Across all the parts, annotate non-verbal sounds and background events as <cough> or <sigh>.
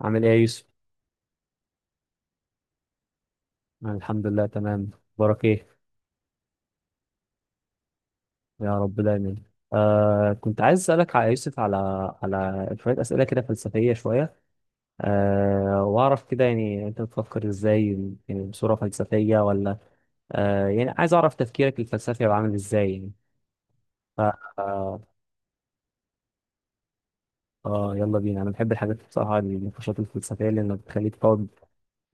عامل ايه يا يوسف؟ أنا الحمد لله تمام. بارك ايه. يا رب دايما. كنت عايز اسألك على يوسف على على شوية أسئلة كده فلسفية شوية. واعرف كده انت بتفكر ازاي، يعني بصورة فلسفية ولا يعني عايز اعرف تفكيرك الفلسفي هيبقى عامل ازاي يعني. ف آه, اه يلا بينا، انا بحب الحاجات بصراحة، النقاشات الفلسفية لانها بتخليك تقعد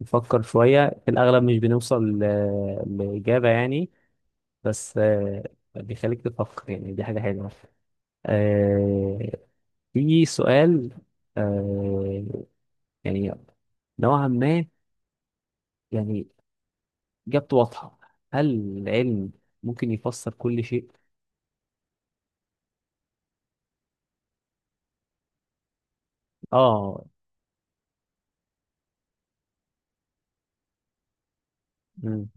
تفكر شوية. في الاغلب مش بنوصل لإجابة يعني، بس بيخليك تفكر، يعني دي حاجة حلوة. آه في سؤال، آه يعني نوعا ما، يعني إجابته واضحة. هل العلم ممكن يفسر كل شيء؟ آه. مم.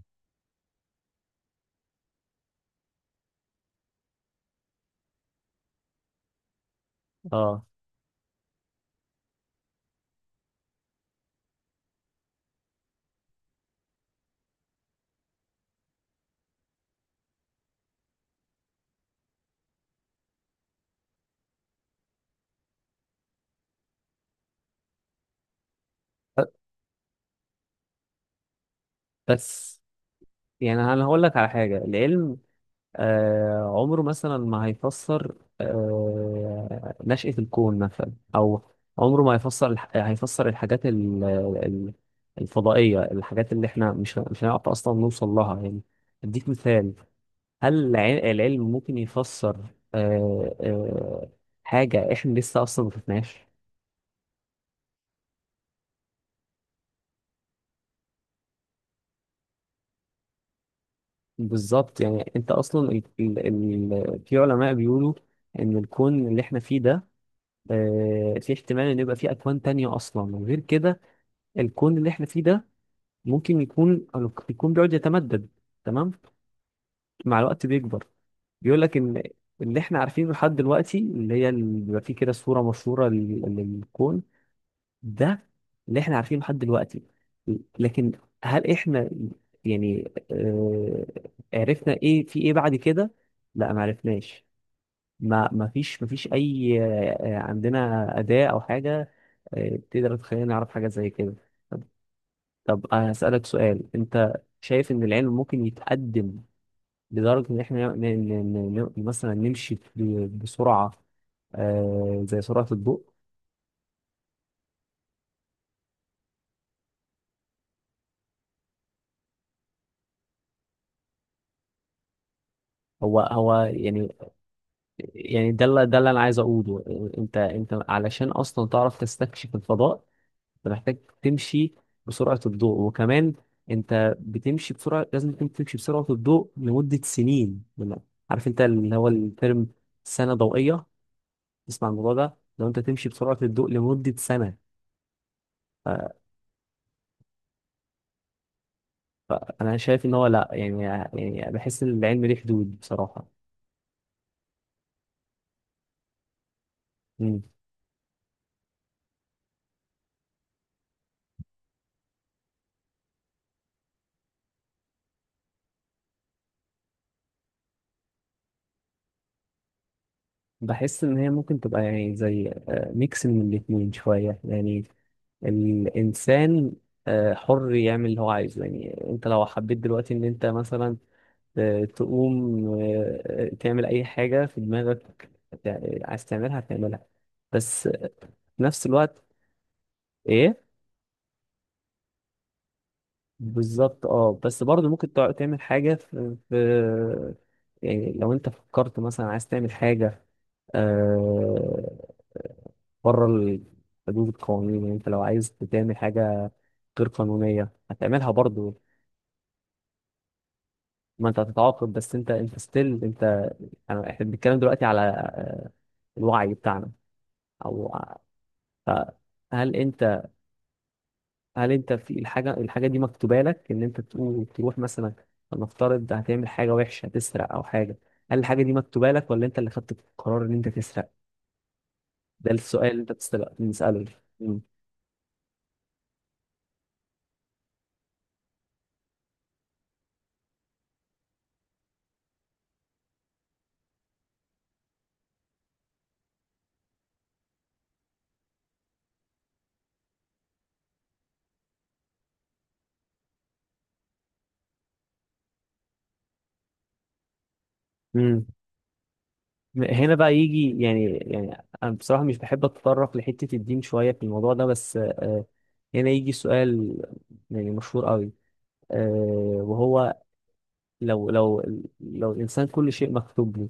آه ب- بس يعني أنا هقول لك على حاجة. العلم عمره مثلا ما هيفسر نشأة الكون مثلا، أو عمره ما هيفسر هيفسر الفضائية، الحاجات اللي احنا مش هنعرف أصلا نوصل لها يعني. أديك مثال. هل العلم ممكن يفسر آه، آه، حاجة احنا لسه اصلا ما شفناش؟ بالظبط، يعني انت اصلا ال ال ال في علماء بيقولوا ان الكون اللي احنا فيه ده، في احتمال ان يبقى فيه اكوان تانية اصلا. وغير كده، الكون اللي احنا فيه ده ممكن يكون، بيقعد يتمدد، تمام، مع الوقت بيكبر. بيقول لك ان اللي احنا عارفينه لحد دلوقتي، اللي هي اللي بيبقى فيه كده صورة مشهورة للكون ده اللي احنا عارفينه لحد دلوقتي. لكن هل احنا يعني عرفنا ايه في ايه بعد كده؟ لا ما عرفناش. ما فيش اي عندنا اداة او حاجة تقدر تخلينا نعرف حاجة زي كده. طب طب انا هسألك سؤال. انت شايف ان العلم ممكن يتقدم لدرجة ان احنا مثلا نمشي بسرعة زي سرعة الضوء؟ هو هو يعني يعني ده اللي انا عايز اقوله. انت، علشان اصلا تعرف تستكشف الفضاء، انت محتاج تمشي بسرعة الضوء. وكمان انت بتمشي بسرعة، لازم تكون تمشي بسرعة الضوء لمدة سنين. عارف انت اللي هو الترم سنة ضوئية؟ تسمع الموضوع ده؟ لو انت تمشي بسرعة الضوء لمدة سنة. انا شايف ان هو لا، يعني يعني بحس ان العلم ليه حدود بصراحة. مم. بحس ان هي ممكن تبقى يعني زي ميكس من الاتنين شوية يعني. الإنسان حر يعمل اللي هو عايزه. يعني أنت لو حبيت دلوقتي إن أنت مثلا تقوم تعمل أي حاجة في دماغك عايز تعملها هتعملها. بس في نفس الوقت، إيه، بالظبط، أه. بس برضه ممكن تعمل حاجة في، يعني لو أنت فكرت مثلا عايز تعمل حاجة آه، بره حدود القوانين، يعني أنت لو عايز تعمل حاجة غير قانونية هتعملها برضه. ما انت هتتعاقب، بس انت انت ستيل انت. يعني احنا بنتكلم دلوقتي على الوعي بتاعنا او ف- هل انت، هل انت في الحاجه، الحاجه دي مكتوبه لك ان انت تقول تروح مثلا، فلنفترض هتعمل حاجه وحشه، هتسرق او حاجه. هل الحاجه دي مكتوبه لك ولا انت اللي خدت القرار ان انت تسرق؟ ده السؤال اللي انت بنساله. مم. مم. هنا بقى يجي، يعني يعني انا بصراحه مش بحب اتطرق لحته الدين شويه في الموضوع ده، بس هنا يجي سؤال يعني مشهور قوي، وهو لو لو الانسان كل شيء مكتوب له،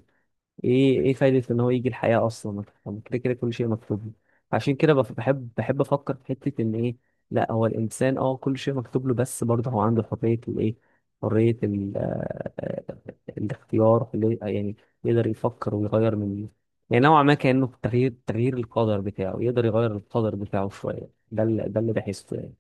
ايه، ايه فايده ان هو يجي الحياه اصلا؟ ما كده كده كل شيء مكتوب له. عشان كده بحب، افكر في حته ان ايه، لا هو الانسان اه كل شيء مكتوب له، بس برضه هو عنده حريه الايه، حريه ال آه، آه، الاختيار يعني يقدر يفكر ويغير من، يعني نوعا ما كانه تغيير، القدر بتاعه، يقدر يغير القدر بتاعه شويه. ده اللي بحسه يعني.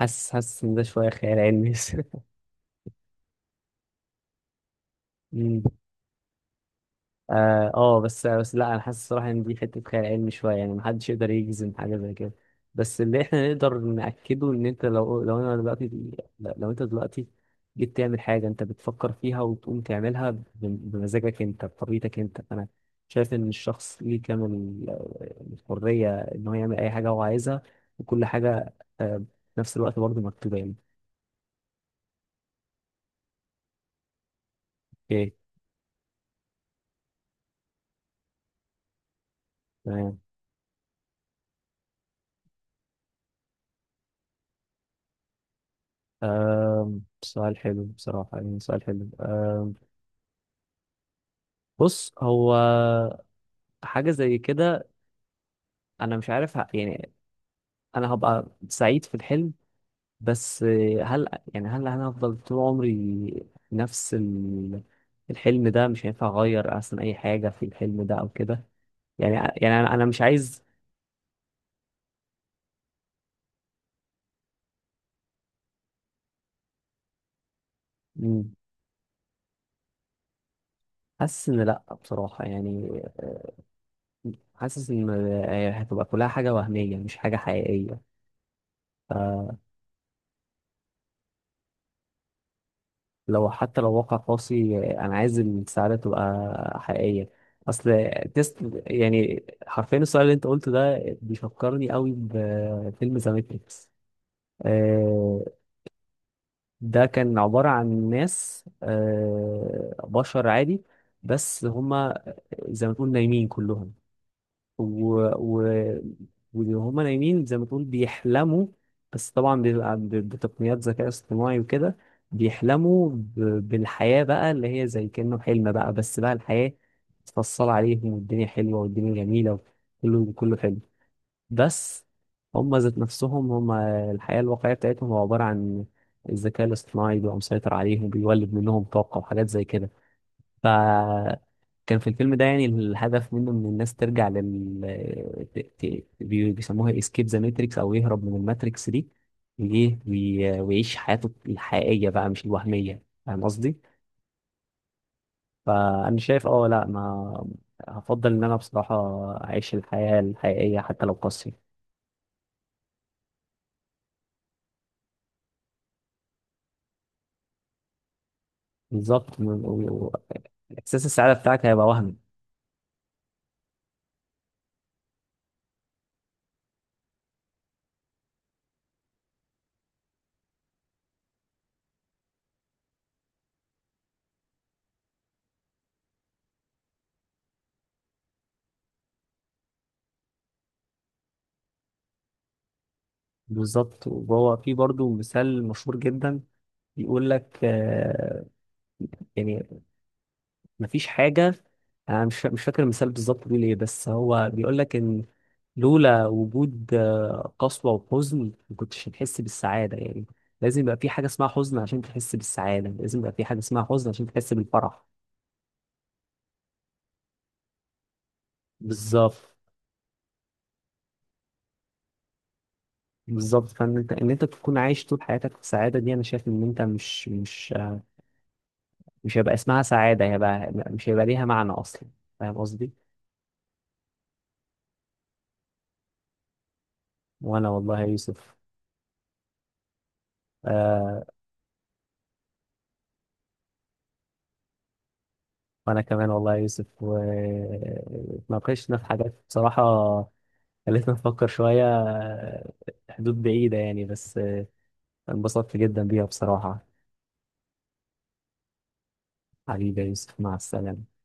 حاسس، ان ده شويه خيال علمي. <laughs> اه، بس لا، انا حاسس الصراحه ان دي حته خيال علمي شويه، يعني محدش يقدر يجزم حاجه زي كده. بس اللي احنا نقدر ناكده ان انت لو، انا دلوقتي، لو انت دلوقتي جيت تعمل حاجه انت بتفكر فيها وتقوم تعملها بمزاجك انت، بطبيعتك انت، فانا شايف ان الشخص ليه كامل الحريه ان هو يعمل اي حاجه هو عايزها. وكل حاجه آه، في نفس الوقت برضه مكتوبه يعني. اوكي، تمام. سؤال حلو بصراحه، يعني سؤال حلو. بص، هو حاجة زي كده، أنا مش عارف يعني أنا هبقى سعيد في الحلم، بس هل، يعني هل أنا هفضل طول عمري نفس الحلم ده؟ مش هينفع أغير أصلا أي حاجة في الحلم ده أو كده. يعني، أنا مش عايز. مم، حاسس إن لأ بصراحة، يعني حاسس إن هتبقى كلها حاجة وهمية، مش حاجة حقيقية. لو، حتى لو واقع قاسي، انا عايز السعادة تبقى حقيقية. اصل تيست، يعني حرفيا السؤال اللي انت قلته ده بيفكرني قوي بفيلم ذا ماتريكس. آه، ده كان عبارة عن ناس بشر عادي، بس هما زي ما تقول نايمين كلهم. و... و... وهما نايمين زي ما تقول بيحلموا، بس طبعا بيبقى بتقنيات ذكاء اصطناعي وكده. بيحلموا ب... بالحياة بقى اللي هي زي كأنه حلم بقى، بس بقى الحياة متفصلة عليهم، والدنيا حلوة، والدنيا جميلة، كله حلو. بس هما ذات نفسهم، هما الحياة الواقعية بتاعتهم هو عبارة عن الذكاء الاصطناعي بيبقى مسيطر عليهم، بيولد منهم طاقة وحاجات زي كده. فكان في الفيلم ده يعني الهدف منه ان الناس ترجع لل ت- ت- بي- بيسموها اسكيب ذا ماتريكس، او يهرب من الماتريكس دي ويعيش حياته الحقيقية بقى، مش الوهمية. فاهم قصدي؟ فأنا شايف اه لا، ما هفضل إن أنا بصراحة أعيش الحياة الحقيقية حتى لو قاسية. بالظبط، و- إحساس السعادة بتاعك هيبقى وهمي. بالظبط. وهو في برضه مثال مشهور جدا بيقول لك يعني مفيش حاجة، أنا مش فاكر المثال بالظبط بيقول إيه، بس هو بيقول لك إن لولا وجود قسوة وحزن، ما كنتش هتحس بالسعادة يعني. لازم يبقى في حاجة اسمها حزن عشان تحس بالسعادة، لازم يبقى في حاجة اسمها حزن عشان تحس بالفرح. بالظبط، بالظبط. فإن أنت، إن أنت تكون عايش طول حياتك في سعادة، دي أنا شايف إن أنت مش مش مش هيبقى اسمها سعادة، هيبقى، مش هيبقى ليها معنى أصلا. فاهم قصدي؟ وأنا والله يا يوسف. آه وانا كمان والله يا يوسف، واتناقشنا في حاجات بصراحة خلتنا نفكر شوية، حدود بعيدة يعني، بس انبسطت جدا بيها بصراحة. حبيبي يا يوسف، مع السلامة.